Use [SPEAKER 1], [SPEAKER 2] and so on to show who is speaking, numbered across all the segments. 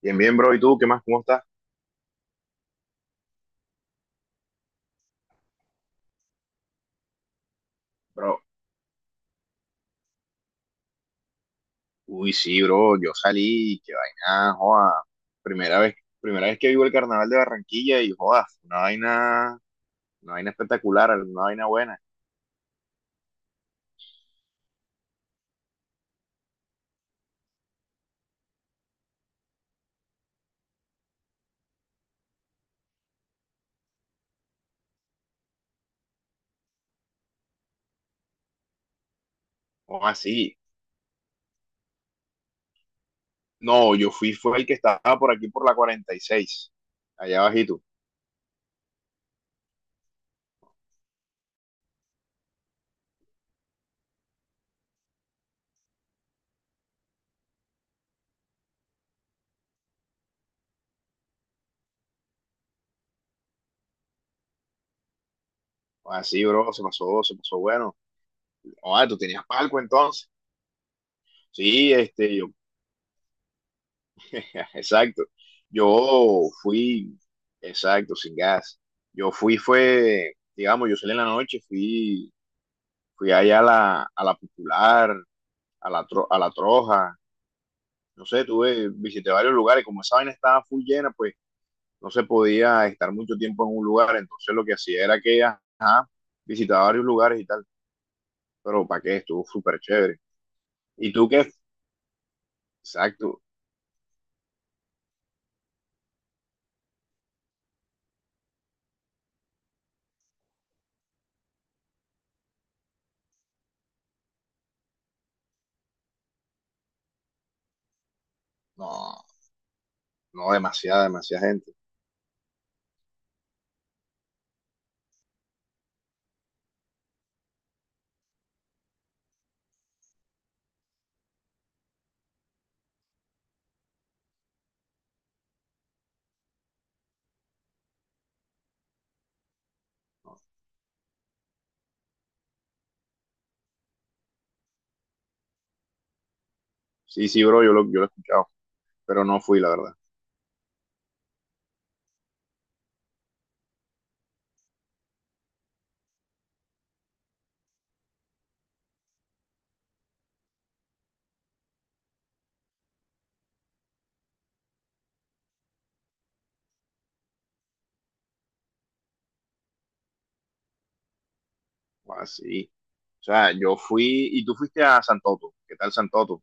[SPEAKER 1] Bien, bien, bro. ¿Y tú qué más? ¿Cómo estás? Bro, sí, bro. Yo salí, qué vaina, joda. Primera vez, primera vez que vivo el carnaval de Barranquilla y joda, una vaina espectacular, una vaina buena. ¿Cómo así? No, yo fui, fue el que estaba por aquí por la 46, allá abajito. Así, bro, se pasó bueno. Joda, ¿tú tenías palco entonces? Sí, yo exacto. Yo fui, exacto, sin gas. Fue, digamos, yo salí en la noche, fui allá a la Popular, a la, a la Troja, no sé, visité varios lugares, como esa vaina estaba full llena, pues no se podía estar mucho tiempo en un lugar, entonces lo que hacía era que, ajá, visitaba varios lugares y tal, pero ¿para qué? Estuvo súper chévere. ¿Y tú qué? Exacto. No, no, demasiada, demasiada gente. Sí, sí, bro, yo lo he escuchado, pero no fui, la verdad. Así. O sea, yo fui y tú fuiste a Santoto. ¿Qué tal Santoto?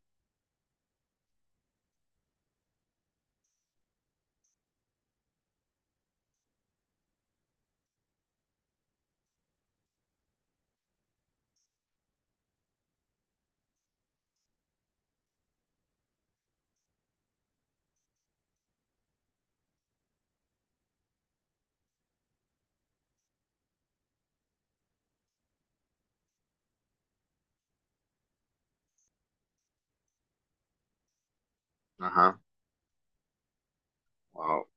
[SPEAKER 1] Ajá. Wow.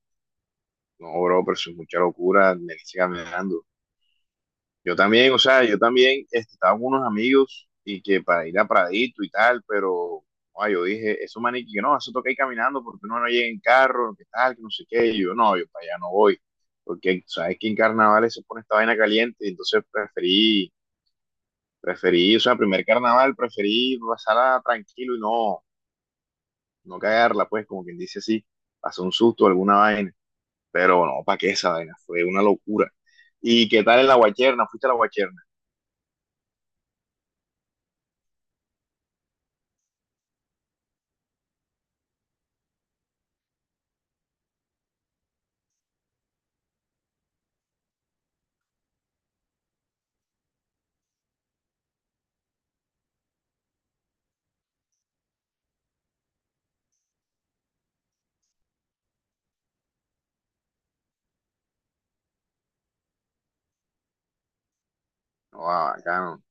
[SPEAKER 1] No, bro, pero eso es mucha locura. Me sigue caminando. Yo también, o sea, yo también este, estaba con unos amigos y que para ir a Pradito y tal, pero ah, yo dije, eso maniquí, no, eso toca ir caminando porque uno no llega en carro, que tal, que no sé qué. Y yo, no, yo para allá no voy. Porque sabes que en carnavales se pone esta vaina caliente, y entonces preferí, o sea, primer carnaval preferí pasarla tranquilo y no cagarla, pues, como quien dice así, pasó un susto, alguna vaina, pero no, ¿para qué esa vaina? Fue una locura. ¿Y qué tal en la guacherna? ¿Fuiste a la guacherna? No, ah, bacano.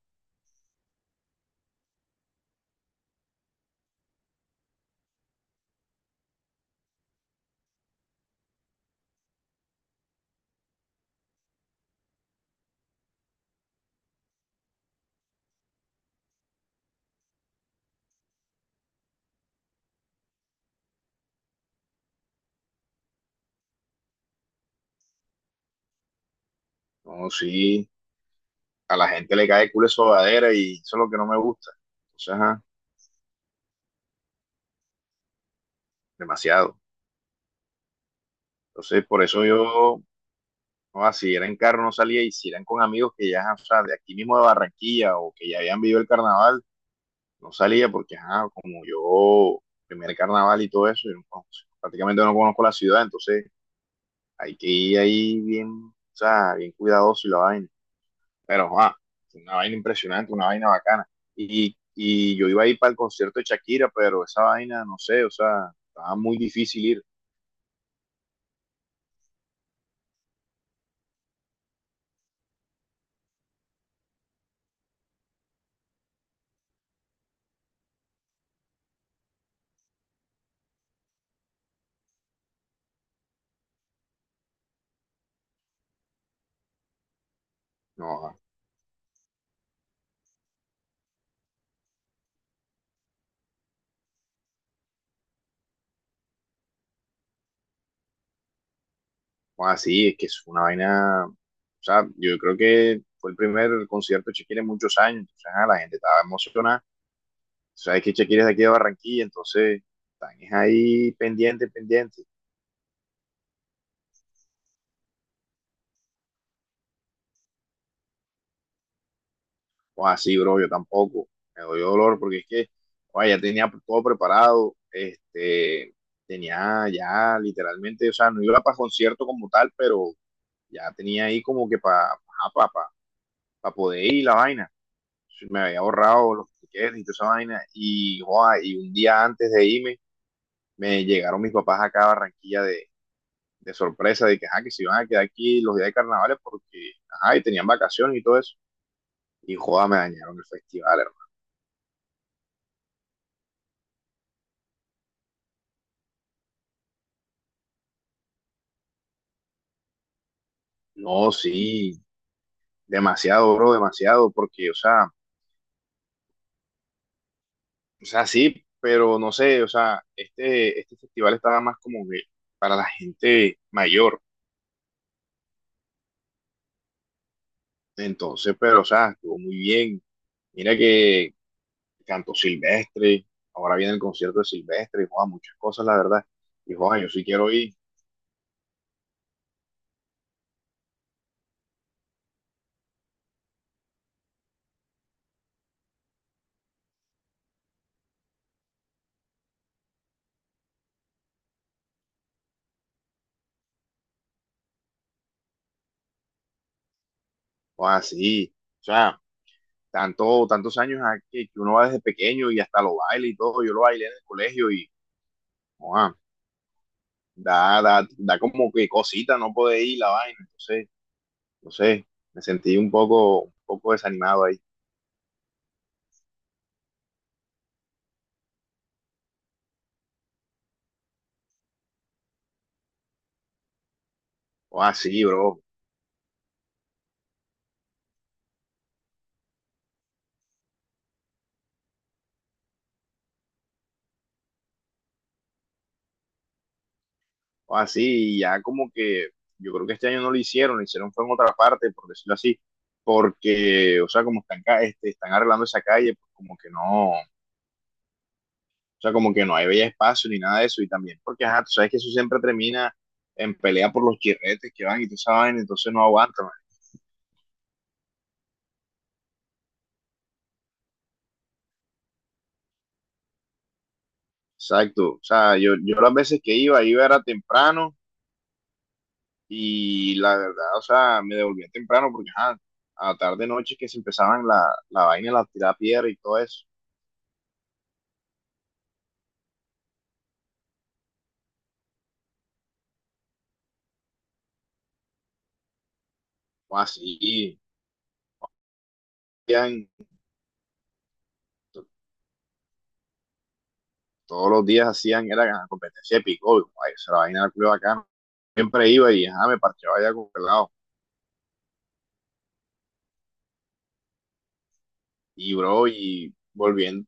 [SPEAKER 1] No, sí, a la gente le cae el culo de sobadera y eso es lo que no me gusta. Entonces, ajá, demasiado. Entonces, por eso yo, no, ah, si era en carro no salía y si eran con amigos que ya, o sea, de aquí mismo de Barranquilla o que ya habían vivido el carnaval, no salía porque, ajá, como yo, primer carnaval y todo eso, yo no- prácticamente no conozco la ciudad, entonces hay que ir ahí bien, o sea, bien cuidadoso y la vaina. Pero, joa, fue una vaina impresionante, una vaina bacana. Y yo iba a ir para el concierto de Shakira, pero esa vaina, no sé, o sea, estaba muy difícil ir. No, así, es que es una vaina, o sea, yo creo que fue el primer concierto de Shakira en muchos años, entonces ah, la gente estaba emocionada. Tú sabes que Shakira es de aquí de Barranquilla, entonces están es ahí pendiente, pendiente. O así, bro, yo tampoco. Me doy dolor porque es que, oye, ya tenía todo preparado, este, tenía ya literalmente, o sea, no iba para concierto como tal, pero ya tenía ahí como que para pa poder ir la vaina. Me había ahorrado los tickets y toda esa vaina. Y, joa, y un día antes de irme, me llegaron mis papás acá a Barranquilla de sorpresa, de que, ajá, que se iban a quedar aquí los días de carnavales porque, ajá, y tenían vacaciones y todo eso. Y joda, me dañaron el festival, hermano. No, sí, demasiado, bro, demasiado, porque, o sea, sí, pero no sé, o sea, este festival estaba más como que para la gente mayor, entonces, pero, o sea, estuvo muy bien. Mira que cantó Silvestre, ahora viene el concierto de Silvestre, joda, muchas cosas, la verdad, y joda, yo sí quiero ir, joda, sí, o sea, tantos años a que uno va desde pequeño y hasta lo baila y todo, yo lo bailé en el colegio y, joda, da como que cosita, no poder ir la vaina, entonces no sé, me sentí un poco desanimado ahí. O así, bro, o así, y ya como que yo creo que este año no lo hicieron, lo hicieron fue en otra parte, por decirlo así, porque, o sea, como están, este, están arreglando esa calle, pues como que no, o sea, como que no hay bella espacio ni nada de eso, y también porque, ajá, tú sabes que eso siempre termina en pelea por los chirretes que van y tú sabes, entonces no aguantan. Exacto, o sea, yo las veces que iba, iba era temprano y la verdad, o sea, me devolvía temprano porque ajá, a tarde noche que se empezaban la vaina, la tirada piedra y todo eso. O así, y hacían- to- todos los días hacían, era ajá, competencia de pico, esa era la vaina era acá. Siempre iba y ajá, me parchaba allá con pelado. Y bro, y volviendo,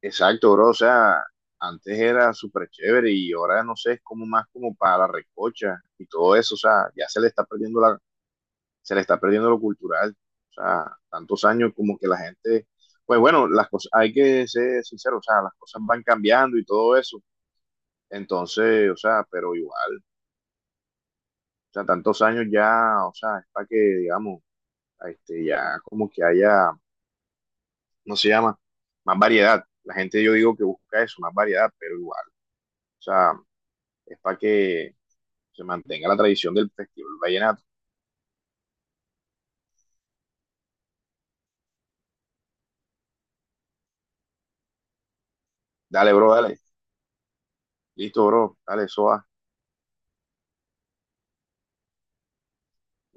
[SPEAKER 1] exacto, bro, o sea, antes era súper chévere y ahora no sé, es como más como para la recocha y todo eso, o sea, ya se le está perdiendo se le está perdiendo lo cultural. O sea, tantos años como que la gente, pues bueno, las cosas, hay que ser sincero, o sea, las cosas van cambiando y todo eso. Entonces, o sea, pero igual, o sea, tantos años ya, o sea, es para que, digamos, este, ya como que haya, ¿no se llama? Más variedad. La gente yo digo que busca eso, más variedad, pero igual, o sea, es para que se mantenga la tradición del festival vallenato. Dale, bro, dale. Listo, bro. Dale, eso va.